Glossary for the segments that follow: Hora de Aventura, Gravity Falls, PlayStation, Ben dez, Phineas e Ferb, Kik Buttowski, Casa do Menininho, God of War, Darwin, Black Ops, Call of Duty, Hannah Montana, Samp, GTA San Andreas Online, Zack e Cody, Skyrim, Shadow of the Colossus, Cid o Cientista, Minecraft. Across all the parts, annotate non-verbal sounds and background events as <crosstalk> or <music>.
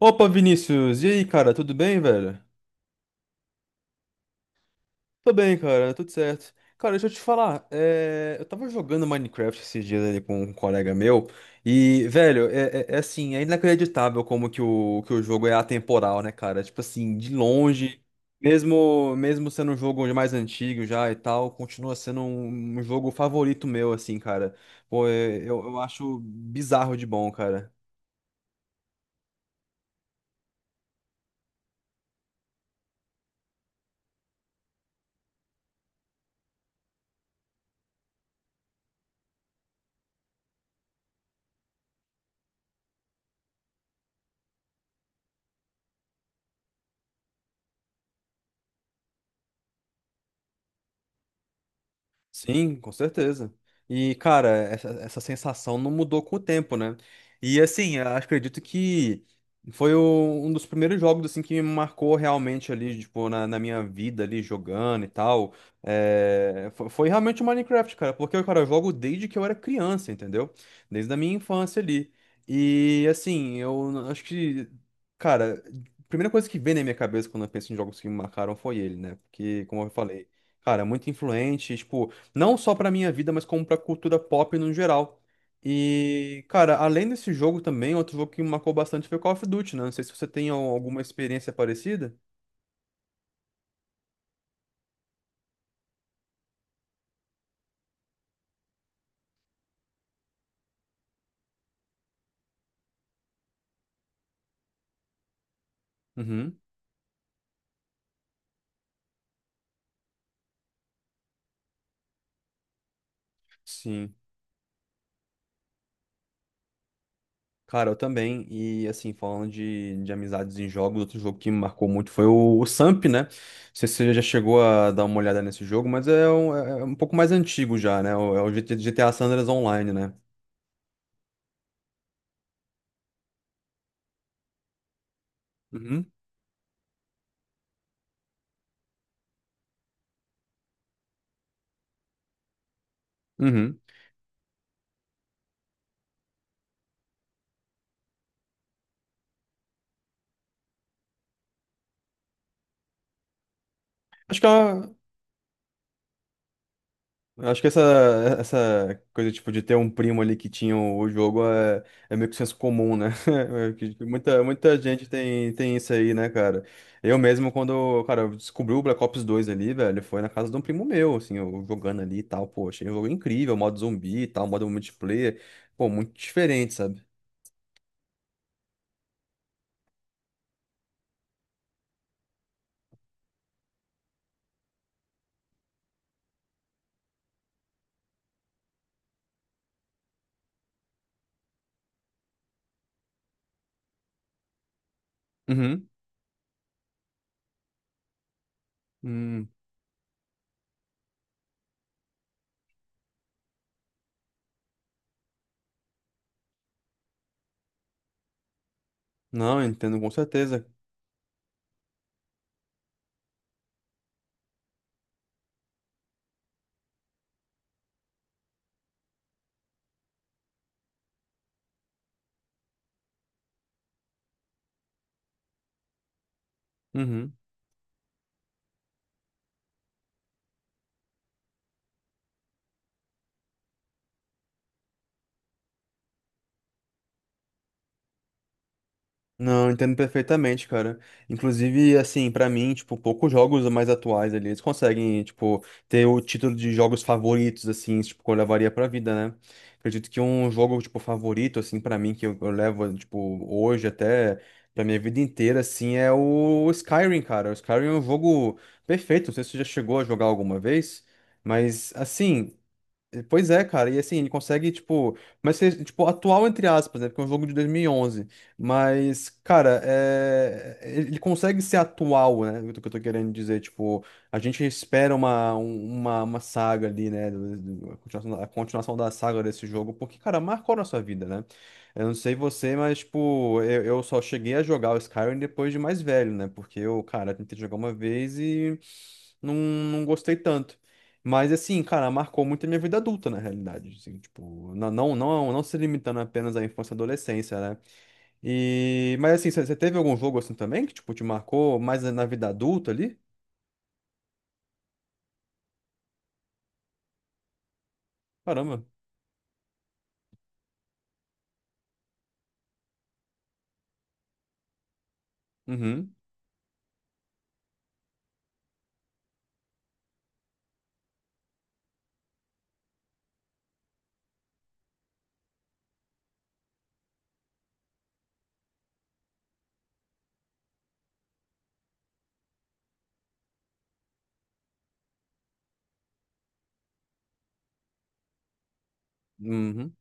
Opa, Vinícius! E aí, cara, tudo bem, velho? Tô bem, cara, tudo certo. Cara, deixa eu te falar, eu tava jogando Minecraft esses dias ali com um colega meu, e, velho, é assim, é inacreditável como que o jogo é atemporal, né, cara? Tipo assim, de longe, mesmo sendo um jogo mais antigo já e tal, continua sendo um jogo favorito meu, assim, cara. Pô, eu acho bizarro de bom, cara. Sim, com certeza. E, cara, essa sensação não mudou com o tempo, né? E, assim, eu acredito que um dos primeiros jogos, assim, que me marcou realmente ali, tipo, na minha vida ali, jogando e tal. É, foi realmente o Minecraft, cara, porque, cara, eu jogo desde que eu era criança, entendeu? Desde a minha infância ali. E, assim, eu acho que, cara, a primeira coisa que vem na minha cabeça quando eu penso em jogos que me marcaram foi ele, né? Porque, como eu falei, cara, é muito influente, tipo não só pra minha vida, mas como pra cultura pop no geral. E, cara, além desse jogo também, outro jogo que me marcou bastante foi Call of Duty, né? Não sei se você tem alguma experiência parecida. Uhum, sim. Cara, eu também. E, assim, falando de amizades em jogos, outro jogo que me marcou muito foi o Samp, né? Não sei se você já chegou a dar uma olhada nesse jogo, mas é um, é um pouco mais antigo já, né? É o GTA San Andreas Online, né? Uhum. Uhum. Acho que é uma- Eu acho que essa coisa, tipo, de ter um primo ali que tinha o jogo é, é meio que senso comum, né? <laughs> É que muita gente tem, tem isso aí, né, cara? Eu mesmo, quando, cara, eu descobri o Black Ops 2 ali, velho, foi na casa de um primo meu, assim, eu jogando ali e tal, pô, achei um jogo incrível, modo zumbi e tal, modo multiplayer, pô, muito diferente, sabe? Uhum. Hum. Não, entendo com certeza. Uhum. Não, entendo perfeitamente, cara. Inclusive, assim, pra mim, tipo, poucos jogos mais atuais ali, eles conseguem, tipo, ter o título de jogos favoritos, assim, tipo, que eu levaria pra vida, né? Acredito que um jogo, tipo, favorito, assim, pra mim, que eu levo, tipo, hoje até pra minha vida inteira, assim, é o Skyrim, cara. O Skyrim é um jogo perfeito, não sei se você já chegou a jogar alguma vez, mas, assim. Pois é, cara, e assim, ele consegue, tipo, mas ser, tipo, atual entre aspas, né, porque é um jogo de 2011 mas, cara, é... ele consegue ser atual, né, o que eu tô querendo dizer, tipo, a gente espera uma saga ali, né, a continuação da saga desse jogo, porque, cara, marcou a nossa vida, né, eu não sei você, mas, tipo, eu só cheguei a jogar o Skyrim depois de mais velho, né, porque eu, cara, tentei jogar uma vez não gostei tanto. Mas assim, cara, marcou muito a minha vida adulta, na realidade. Assim, tipo, não se limitando apenas à infância e adolescência, né? E, mas assim, você teve algum jogo assim também que, tipo, te marcou mais na vida adulta ali? Caramba. Uhum. Uhum.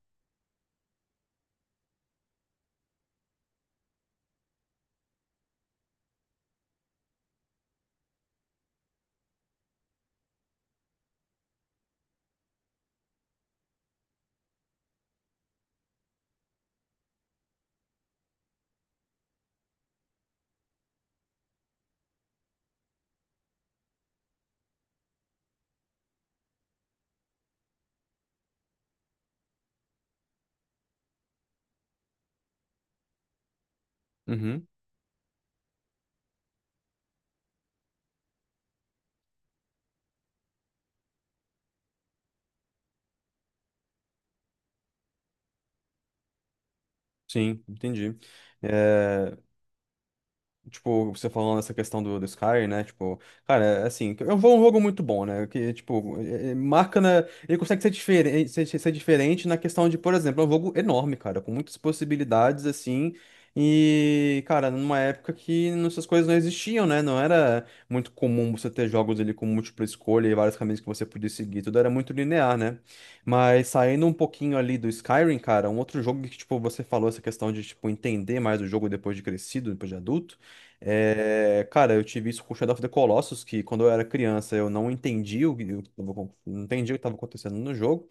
Uhum. Sim, entendi. É, tipo, você falando essa questão do Skyrim, né? Tipo, cara, é assim, é um jogo muito bom, né? Que, tipo, marca na. Ele consegue ser diferente, ser diferente na questão de, por exemplo, é um jogo enorme, cara, com muitas possibilidades, assim. E, cara, numa época que essas coisas não existiam, né? Não era muito comum você ter jogos ali com múltipla escolha e vários caminhos que você podia seguir. Tudo era muito linear, né? Mas saindo um pouquinho ali do Skyrim, cara, um outro jogo que, tipo, você falou essa questão de, tipo, entender mais o jogo depois de crescido, depois de adulto. É, cara, eu tive isso com Shadow of the Colossus, que quando eu era criança eu não entendi o que, o tava não entendi o que estava acontecendo no jogo.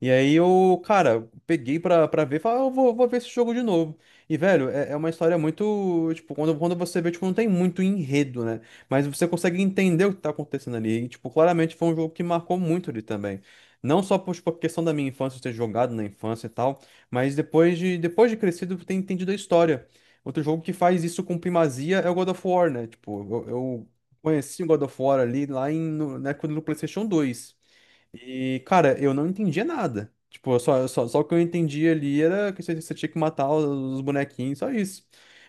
E aí eu, cara, peguei pra ver e falei, ah, vou ver esse jogo de novo. E, velho, é, é uma história muito. Tipo, quando você vê, tipo, não tem muito enredo, né? Mas você consegue entender o que tá acontecendo ali. E, tipo, claramente foi um jogo que marcou muito ali também. Não só por, tipo, a questão da minha infância, eu ter jogado na infância e tal, mas depois de crescido, eu ter entendido a história. Outro jogo que faz isso com primazia é o God of War, né? Tipo, eu conheci o God of War ali lá em, na época do PlayStation 2 e, cara, eu não entendia nada. Tipo, só o que eu entendi ali era que você tinha que matar os bonequinhos, só isso.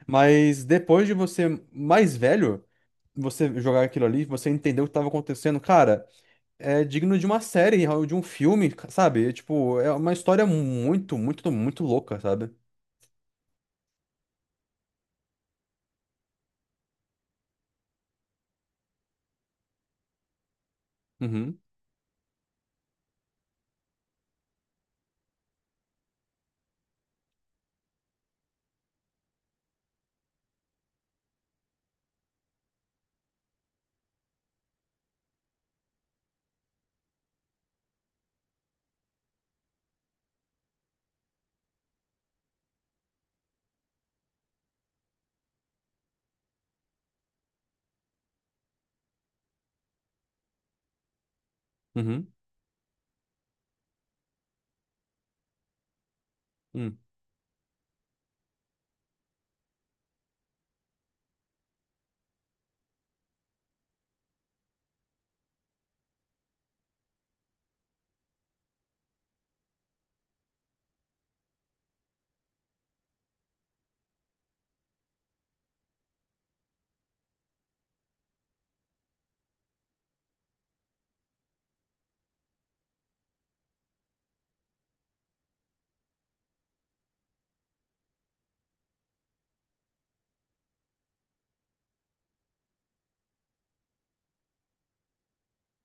Mas depois de você mais velho, você jogar aquilo ali, você entender o que tava acontecendo, cara, é digno de uma série, de um filme, sabe? É, tipo, é uma história muito louca, sabe? Uhum, uhum, uhum,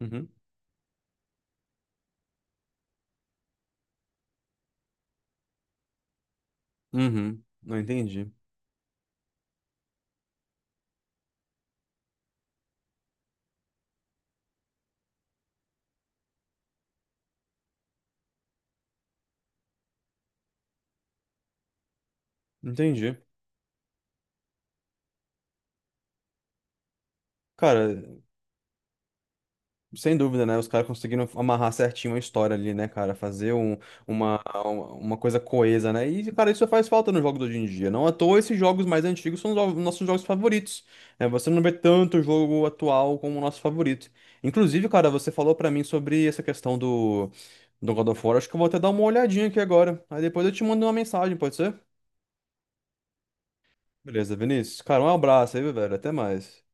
uhum, uhum. Não entendi. Entendi. Cara, sem dúvida, né? Os caras conseguiram amarrar certinho a história ali, né, cara? Uma coisa coesa, né? E, cara, isso faz falta nos jogos de hoje em dia. Não à toa, esses jogos mais antigos são nossos jogos favoritos. Né? Você não vê tanto jogo atual como o nosso favorito. Inclusive, cara, você falou pra mim sobre essa questão do God of War. Acho que eu vou até dar uma olhadinha aqui agora. Aí depois eu te mando uma mensagem, pode ser? Beleza, Vinícius. Cara, um abraço aí, velho. Até mais.